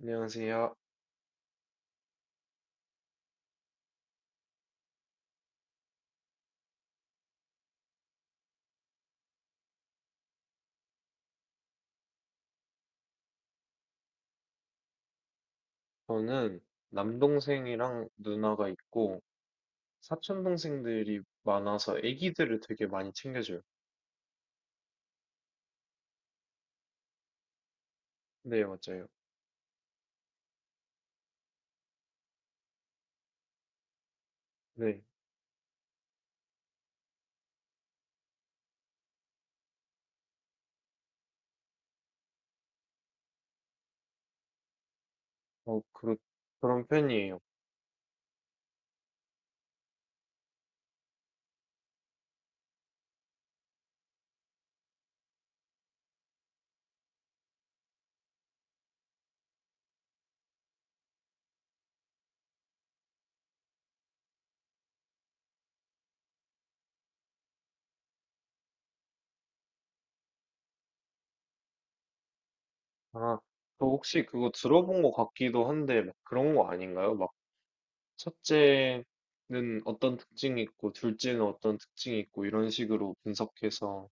안녕하세요. 저는 남동생이랑 누나가 있고 사촌 동생들이 많아서 아기들을 되게 많이 챙겨줘요. 네, 맞아요. 네, 어, 그, 그런 편이에요. 아, 저 혹시 그거 들어본 것 같기도 한데 막 그런 거 아닌가요? 막 첫째는 어떤 특징이 있고 둘째는 어떤 특징이 있고 이런 식으로 분석해서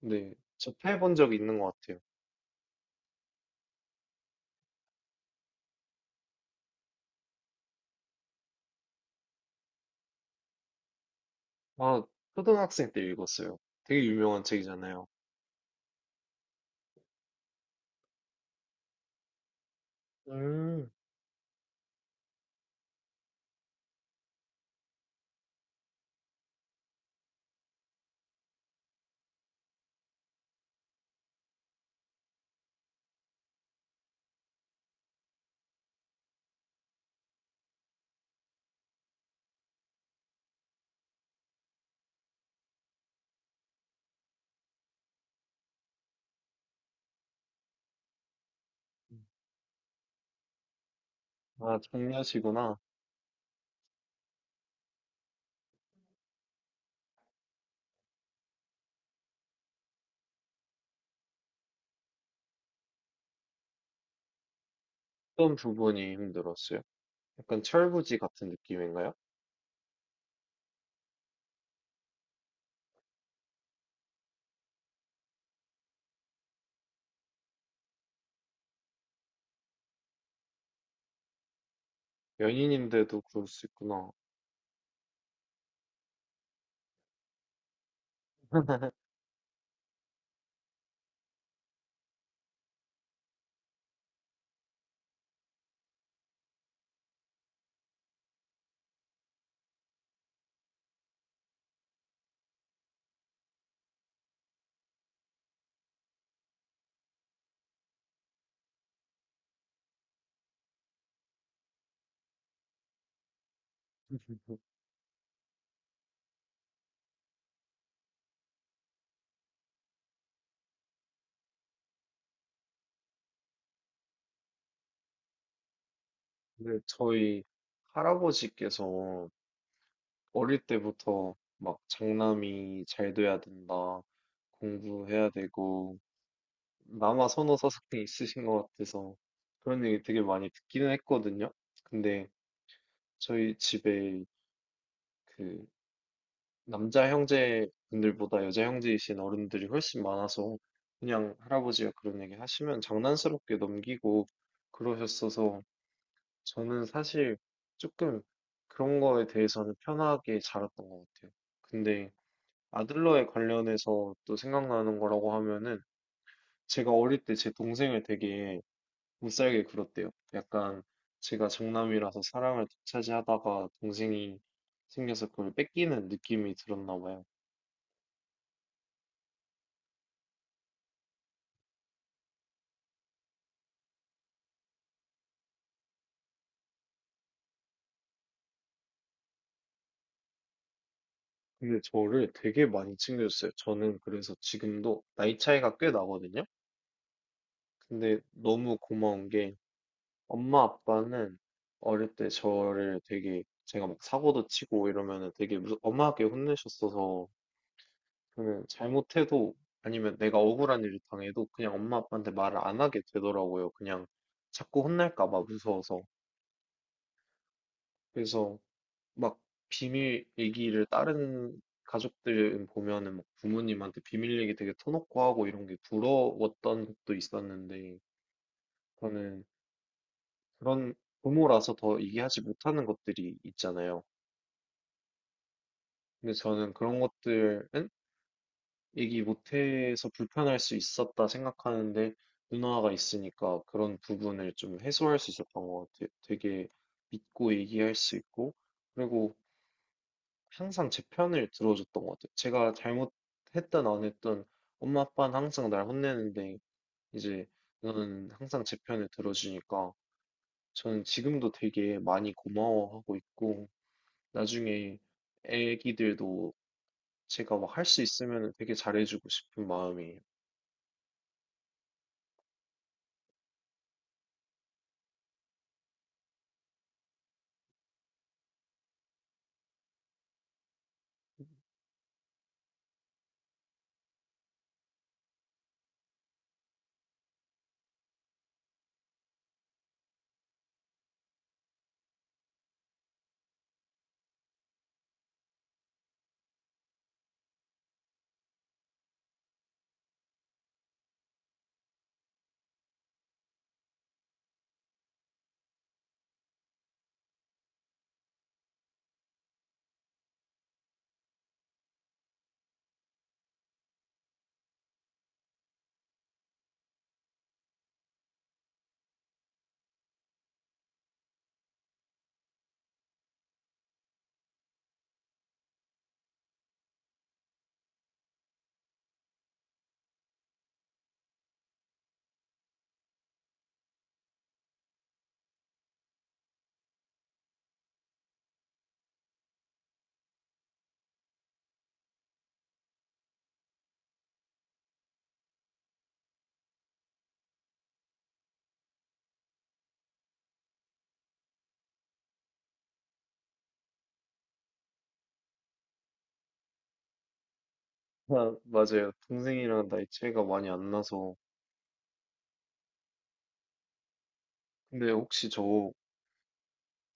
네, 접해본 적이 있는 것 같아요. 아, 초등학생 때 읽었어요. 되게 유명한 책이잖아요. 음. 아, 장녀시구나. 어떤 부분이 힘들었어요? 약간 철부지 같은 느낌인가요? 연인인데도 그럴 수 있구나. 근데 저희 할아버지께서 어릴 때부터 막 장남이 잘 돼야 된다, 공부해야 되고, 남아 선호 사상이 있으신 것 같아서 그런 얘기 되게 많이 듣기는 했거든요. 근데 저희 집에 그 남자 형제분들보다 여자 형제이신 어른들이 훨씬 많아서 그냥 할아버지가 그런 얘기 하시면 장난스럽게 넘기고 그러셨어서 저는 사실 조금 그런 거에 대해서는 편하게 자랐던 것 같아요. 근데 아들러에 관련해서 또 생각나는 거라고 하면은 제가 어릴 때 제 동생을 되게 못살게 굴었대요. 약간 제가 장남이라서 사랑을 독차지하다가 동생이 생겨서 그걸 뺏기는 느낌이 들었나 봐요. 근데 저를 되게 많이 챙겨줬어요. 저는 그래서 지금도 나이 차이가 꽤 나거든요. 근데 너무 고마운 게 엄마 아빠는 어릴 때 저를 되게 제가 막 사고도 치고 이러면은 되게 무슨 엄하게 혼내셨어서 저는 잘못해도 아니면 내가 억울한 일을 당해도 그냥 엄마 아빠한테 말을 안 하게 되더라고요. 그냥 자꾸 혼날까 봐 무서워서. 그래서 막 비밀 얘기를 다른 가족들 보면은 막 부모님한테 비밀 얘기 되게 터놓고 하고 이런 게 부러웠던 것도 있었는데 저는 그런 부모라서 더 얘기하지 못하는 것들이 있잖아요. 근데 저는 그런 것들은 얘기 못해서 불편할 수 있었다 생각하는데 누나가 있으니까 그런 부분을 좀 해소할 수 있었던 것 같아요. 되게 믿고 얘기할 수 있고 그리고 항상 제 편을 들어줬던 것 같아요. 제가 잘못했든 안 했든 엄마 아빠는 항상 날 혼내는데 이제 너는 항상 제 편을 들어주니까 저는 지금도 되게 많이 고마워하고 있고 나중에 애기들도 제가 막 할 수 있으면 되게 잘해주고 싶은 마음이에요. 아, 맞아요. 동생이랑 나이 차이가 많이 안 나서. 근데 혹시 저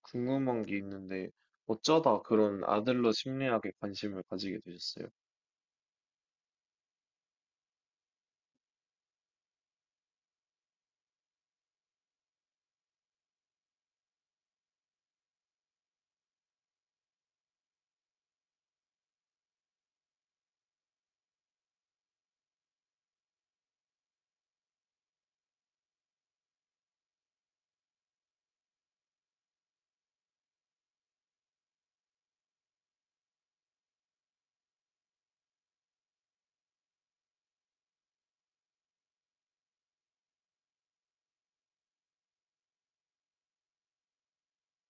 궁금한 게 있는데 어쩌다 그런 아들로 심리학에 관심을 가지게 되셨어요?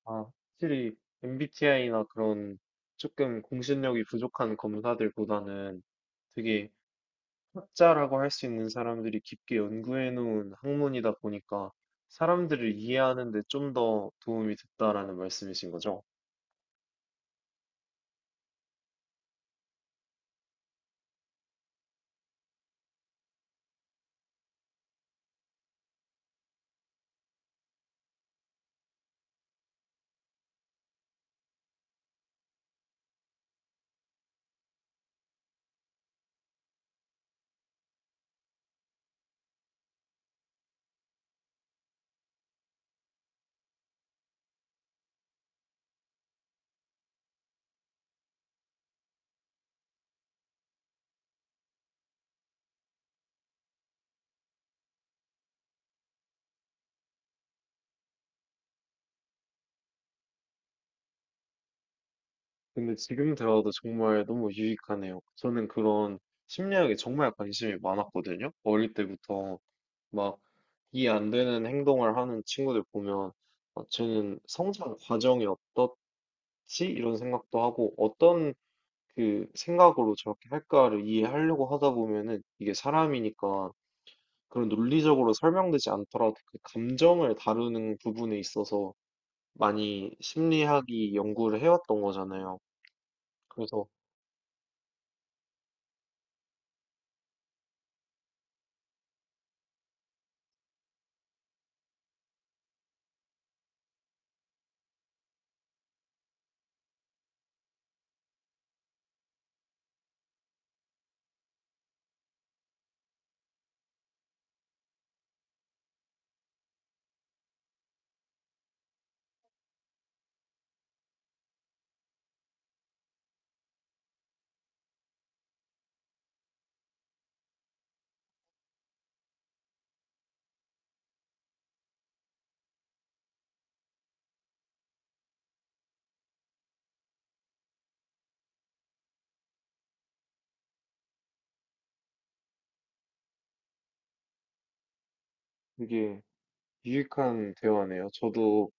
아, 확실히 MBTI나 그런 조금 공신력이 부족한 검사들보다는 되게 학자라고 할 수 있는 사람들이 깊게 연구해 놓은 학문이다 보니까 사람들을 이해하는 데 좀 더 도움이 됐다라는 말씀이신 거죠? 근데 지금 들어도 정말 너무 유익하네요. 저는 그런 심리학에 정말 관심이 많았거든요. 어릴 때부터 막 이해 안 되는 행동을 하는 친구들 보면 어, 쟤는 성장 과정이 어떠? 지? 이런 생각도 하고 어떤 그 생각으로 저렇게 할까를 이해하려고 하다 보면은 이게 사람이니까 그런 논리적으로 설명되지 않더라도 그 감정을 다루는 부분에 있어서 많이 심리학이 연구를 해왔던 거잖아요. 그래서 되게 유익한 대화네요. 저도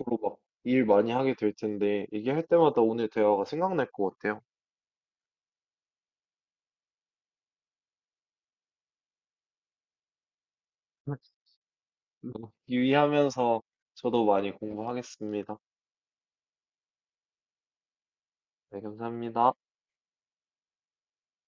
앞으로 막 일 많이 하게 될 텐데 얘기할 때마다 오늘 대화가 생각날 것 같아요. 유의하면서 저도 많이 공부하겠습니다. 네, 감사합니다.